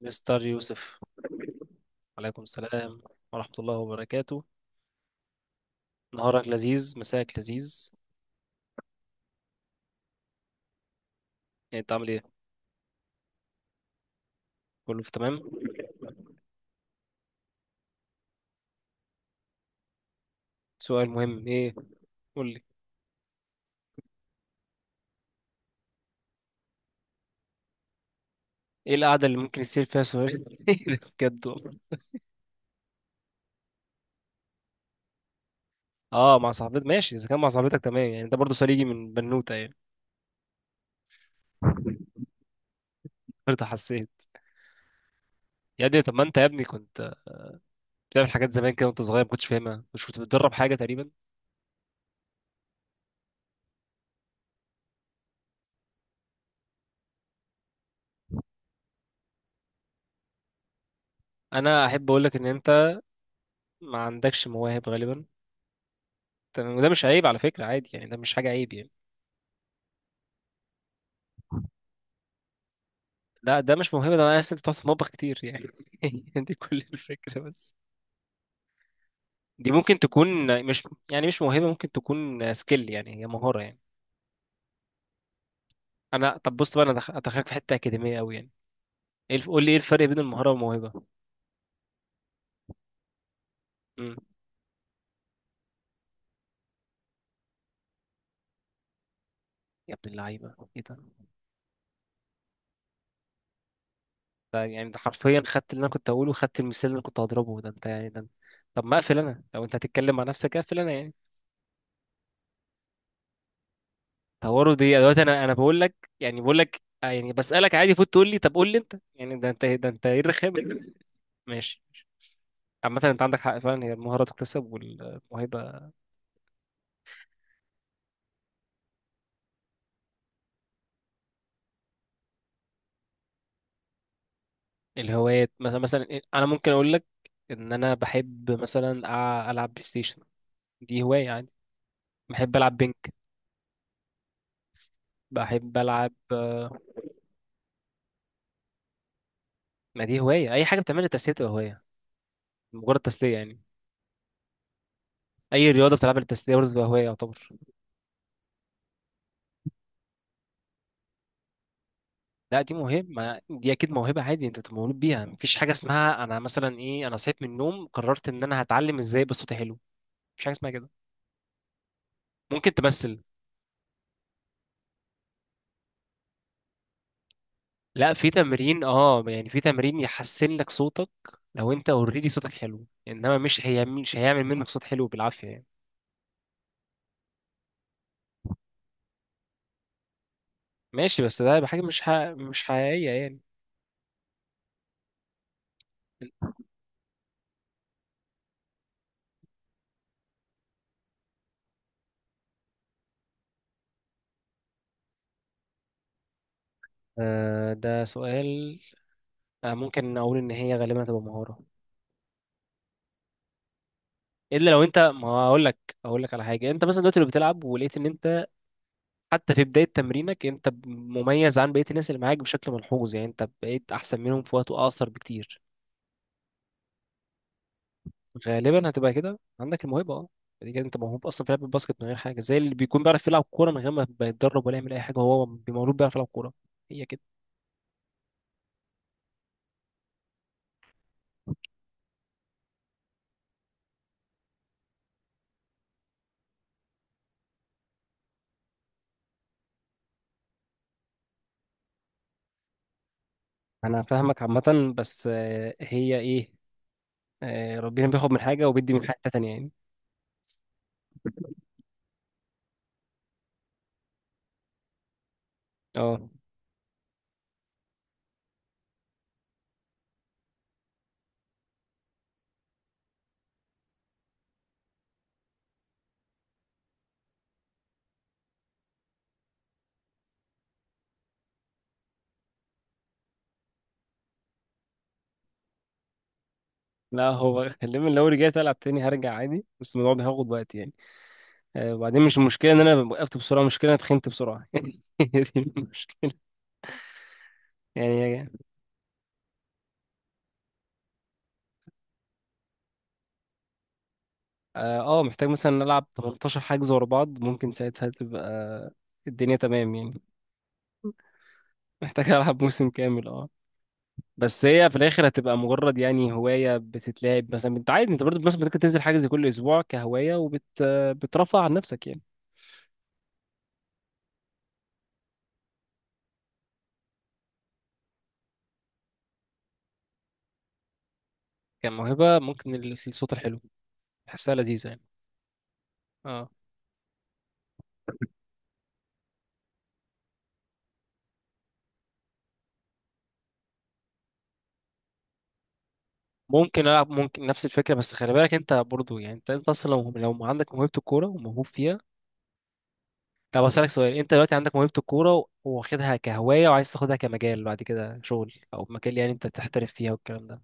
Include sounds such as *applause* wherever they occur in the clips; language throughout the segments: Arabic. مستر يوسف، عليكم السلام ورحمة الله وبركاته. نهارك لذيذ، مساك لذيذ. يعني انت عامل ايه؟ كله في تمام. سؤال مهم ايه؟ قول لي. ايه القعدة اللي ممكن يصير فيها سؤال؟ *laughs* ايه ده بجد والله. اه مع صاحبتك ماشي، اذا كان مع صاحبتك تمام، يعني انت برضه سليجي من بنوتة يعني. برضه حسيت. يا ابني، طب ما انت يا ابني كنت بتعمل حاجات زمان كده وانت صغير ما كنتش فاهمها، مش كنت بتدرب حاجة تقريبا؟ انا احب اقول لك ان انت ما عندكش مواهب غالبا. تمام، وده مش عيب على فكرة، عادي يعني، ده مش حاجة عيب يعني. لا ده مش موهبة، ده انا عايز انت بتقعد في المطبخ كتير يعني. *laughs* دي كل الفكرة بس. دي ممكن تكون، مش يعني مش موهبة، ممكن تكون سكيل يعني، هي مهارة يعني. انا طب بص بقى، انا ادخلك في حتة أكاديمية قوي يعني. ايه قول لي ايه الفرق بين المهارة والموهبة؟ امم يا ابن اللعيبة ايه ده؟ ده يعني ده حرفيا خدت اللي انا كنت هقوله، وخدت المثال اللي انا كنت هضربه. ده انت يعني ده، طب ما اقفل انا، لو انت هتتكلم مع نفسك اقفل انا يعني. طوروا دي دلوقتي، انا بقول لك يعني، بقول لك يعني بسألك عادي، فوت تقول لي طب قول لي انت يعني، ده انت، ده انت، ايه الرخامة دي؟ ماشي. عامة انت عندك حق فعلا، هي المهارة تكتسب والموهبة. الهوايات مثلا، مثلا انا ممكن اقول لك ان انا بحب مثلا العب بلاي ستيشن. دي هواية عادي. بحب العب بينك. بحب العب ما دي هواية، اي حاجة بتعملها تسلية تبقى هواية، مجرد تسلية يعني. اي رياضة بتلعبها للتسلية برضه تبقى هواية يعتبر. لا دي موهبة، دي اكيد موهبة. عادي انت بتبقى مولود بيها، مفيش حاجة اسمها انا مثلا ايه، انا صحيت من النوم قررت ان انا هتعلم ازاي يبقى صوتي حلو، مفيش حاجة اسمها كده. ممكن تمثل. لا في تمرين اه، يعني في تمرين يحسن لك صوتك. لو انت اوريدي صوتك حلو، انما مش، هي مش هيعمل منك صوت حلو بالعافيه يعني. ماشي، بس ده حاجه مش حقيقيه يعني. آه ده سؤال. آه ممكن اقول ان هي غالبا هتبقى مهاره، الا لو انت، ما اقول لك. اقول لك على حاجه، انت مثلا دلوقتي لو بتلعب ولقيت ان انت حتى في بدايه تمرينك انت مميز عن بقيه الناس اللي معاك بشكل ملحوظ، يعني انت بقيت احسن منهم في وقت اقصر بكتير، غالبا هتبقى كده عندك الموهبه اه. يعني كده انت موهوب اصلا في لعب الباسكت، من غير حاجه، زي اللي بيكون بيعرف يلعب كوره من غير ما بيتدرب ولا يعمل اي حاجه، هو مولود بيعرف يلعب كوره. هي كده. انا فاهمك عامه، بس هي ايه، ربنا بياخد من حاجه وبيدي من حاجه تانية يعني. اه لا هو خلينا، لو رجعت العب تاني هرجع عادي، بس الموضوع بياخد وقت يعني. وبعدين مش المشكله ان انا وقفت بسرعه، المشكله إن انا اتخنت بسرعه *laughs* هي دي المشكله يعني. اه محتاج مثلا نلعب 18 حجز ورا بعض، ممكن ساعتها تبقى الدنيا تمام يعني. محتاج *laughs* العب موسم كامل اه. بس هي في الاخر هتبقى مجرد يعني هوايه بتتلعب، مثلا انت عادي انت برضه مثلا ممكن تنزل حجز كل اسبوع كهوايه، وبت بترفع عن نفسك يعني. كموهبه ممكن الصوت الحلو، بحسها لذيذه يعني. اه ممكن العب، ممكن نفس الفكره، بس خلي بالك انت برضه يعني، انت اصلا لو عندك موهبه الكوره وموهوب فيها. طب اسالك سؤال، انت دلوقتي عندك موهبه الكوره واخدها كهوايه، وعايز تاخدها كمجال بعد كده، شغل او مجال يعني انت تحترف فيها والكلام ده.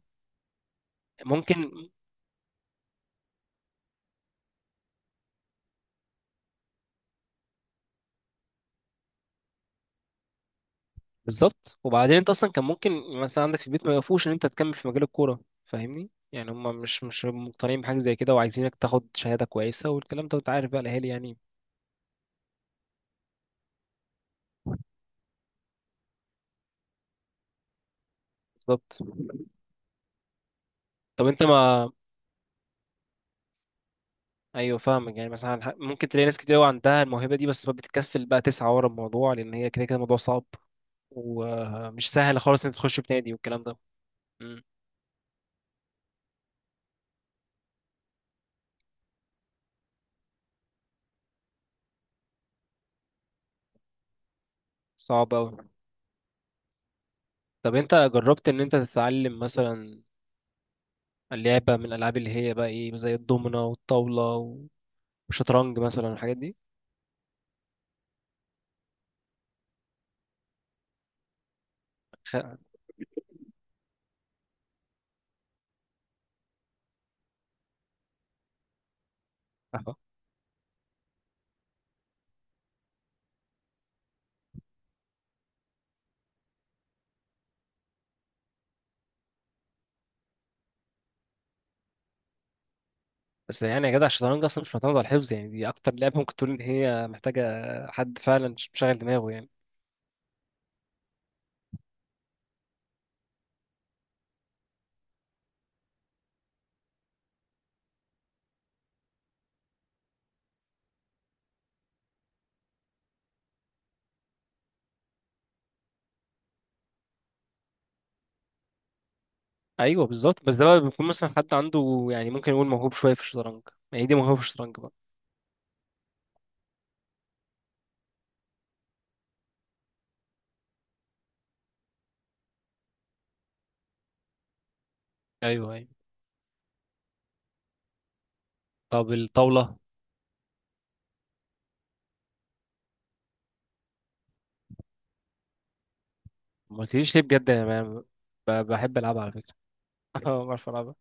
ممكن. بالظبط، وبعدين انت اصلا كان ممكن مثلا عندك في البيت ما يوقفوش ان انت تكمل في مجال الكوره، فاهمني يعني. هم مش مقتنعين بحاجه زي كده، وعايزينك تاخد شهاده كويسه والكلام ده، وانت عارف بقى الاهالي يعني. بالظبط. طب انت ما، ايوه فاهمك. يعني مثلا ممكن تلاقي ناس كتير قوي عندها الموهبه دي، بس بتكسل بقى تسعى ورا الموضوع، لان هي كده كده الموضوع صعب ومش سهل خالص انك تخش في نادي والكلام ده. صعب أوي. طب أنت جربت إن أنت تتعلم مثلا اللعبة من الألعاب اللي هي بقى إيه، زي الدومينة والطاولة والشطرنج مثلا والحاجات دي؟ خ... أهو. بس يعني يا جدع الشطرنج أصلا مش معتمد على الحفظ يعني، دي أكتر لعبة ممكن تقول إن هي محتاجة حد فعلا مشغل دماغه يعني. أيوه بالظبط، بس ده بقى بيكون مثلا حد عنده يعني، ممكن يقول موهوب شوية في الشطرنج، يعني دي موهوب في الشطرنج بقى. أيوه أيوه. طب الطاولة؟ ما قلتليش ليه بجد، أنا بحب ألعبها على فكرة. *laughs* أه بعرف ألعبها.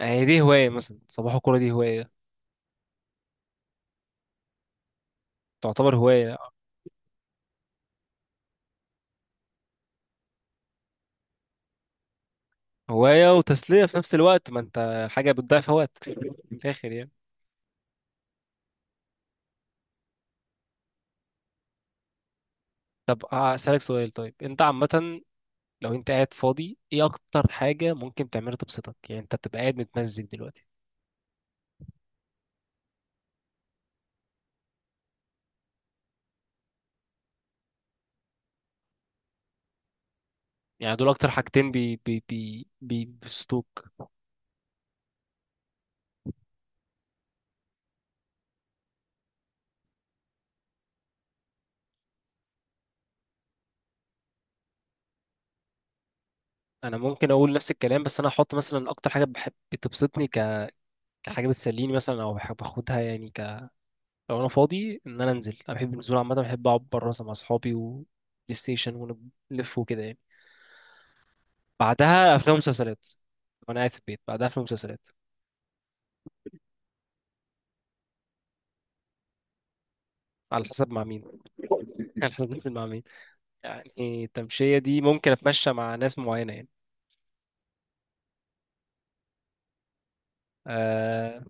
يعني دي هواية مثلا، صباح الكورة دي هواية، تعتبر هواية. هواية وتسلية في نفس الوقت، ما انت حاجة بتضيع في وقت من الآخر يعني. طب هسألك سؤال طيب، انت عامة لو انت قاعد فاضي ايه اكتر حاجة ممكن تعملها تبسطك، يعني انت بتبقى قاعد متمزج دلوقتي. يعني دول اكتر حاجتين بي بي بي بي بيبسطوك انا ممكن اقول نفس الكلام، بس انا هحط مثلا اكتر حاجة بحب بتبسطني كحاجة بتسليني مثلا، او بحب اخدها يعني لو انا فاضي ان انا انزل، انا بحب النزول عامة، بحب اقعد بره مثلا مع اصحابي و بلاي ستيشن ونلف وكده يعني. بعدها افلام ومسلسلات، وانا قاعد في البيت بعدها افلام ومسلسلات. على حسب مع مين، *laughs* على حسب نازل مع مين يعني. التمشيه دي ممكن اتمشى مع ناس معينه يعني. اه,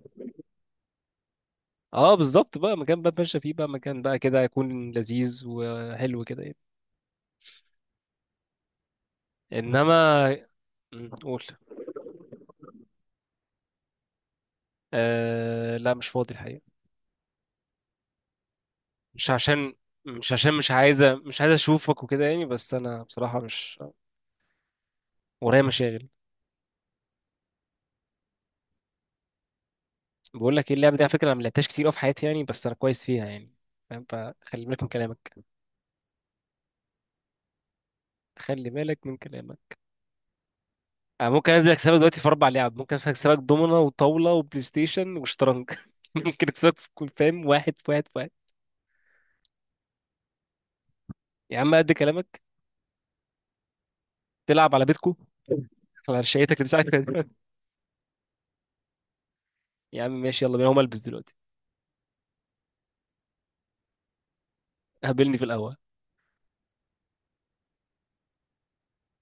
آه بالظبط بقى، مكان بقى اتمشى فيه، بقى مكان بقى كده يكون لذيذ وحلو كده يعني. انما م، قول. آه لا مش فاضي الحقيقه. مش عشان، مش عشان مش عايزه، مش عايزه اشوفك وكده يعني، بس انا بصراحه مش، ورايا مشاغل. بقول لك ايه، اللعبه دي على فكره انا ما لعبتهاش كتير أوي في حياتي يعني، بس انا كويس فيها يعني، فاهم، فخلي بالك من كلامك. خلي بالك من كلامك. أنا ممكن أنزل أكسبك دلوقتي في أربع لعب، ممكن أنزل أكسبك دومنة وطاولة وبلاي ستيشن وشطرنج *laughs* ممكن أكسبك في كل، فاهم، واحد في واحد في واحد. يا عم قد كلامك. تلعب على بيتكو، على شقتك اللي ساعتك. *laughs* يا عم ماشي، يلا بينا هقوم ألبس دلوقتي، قابلني في القهوة.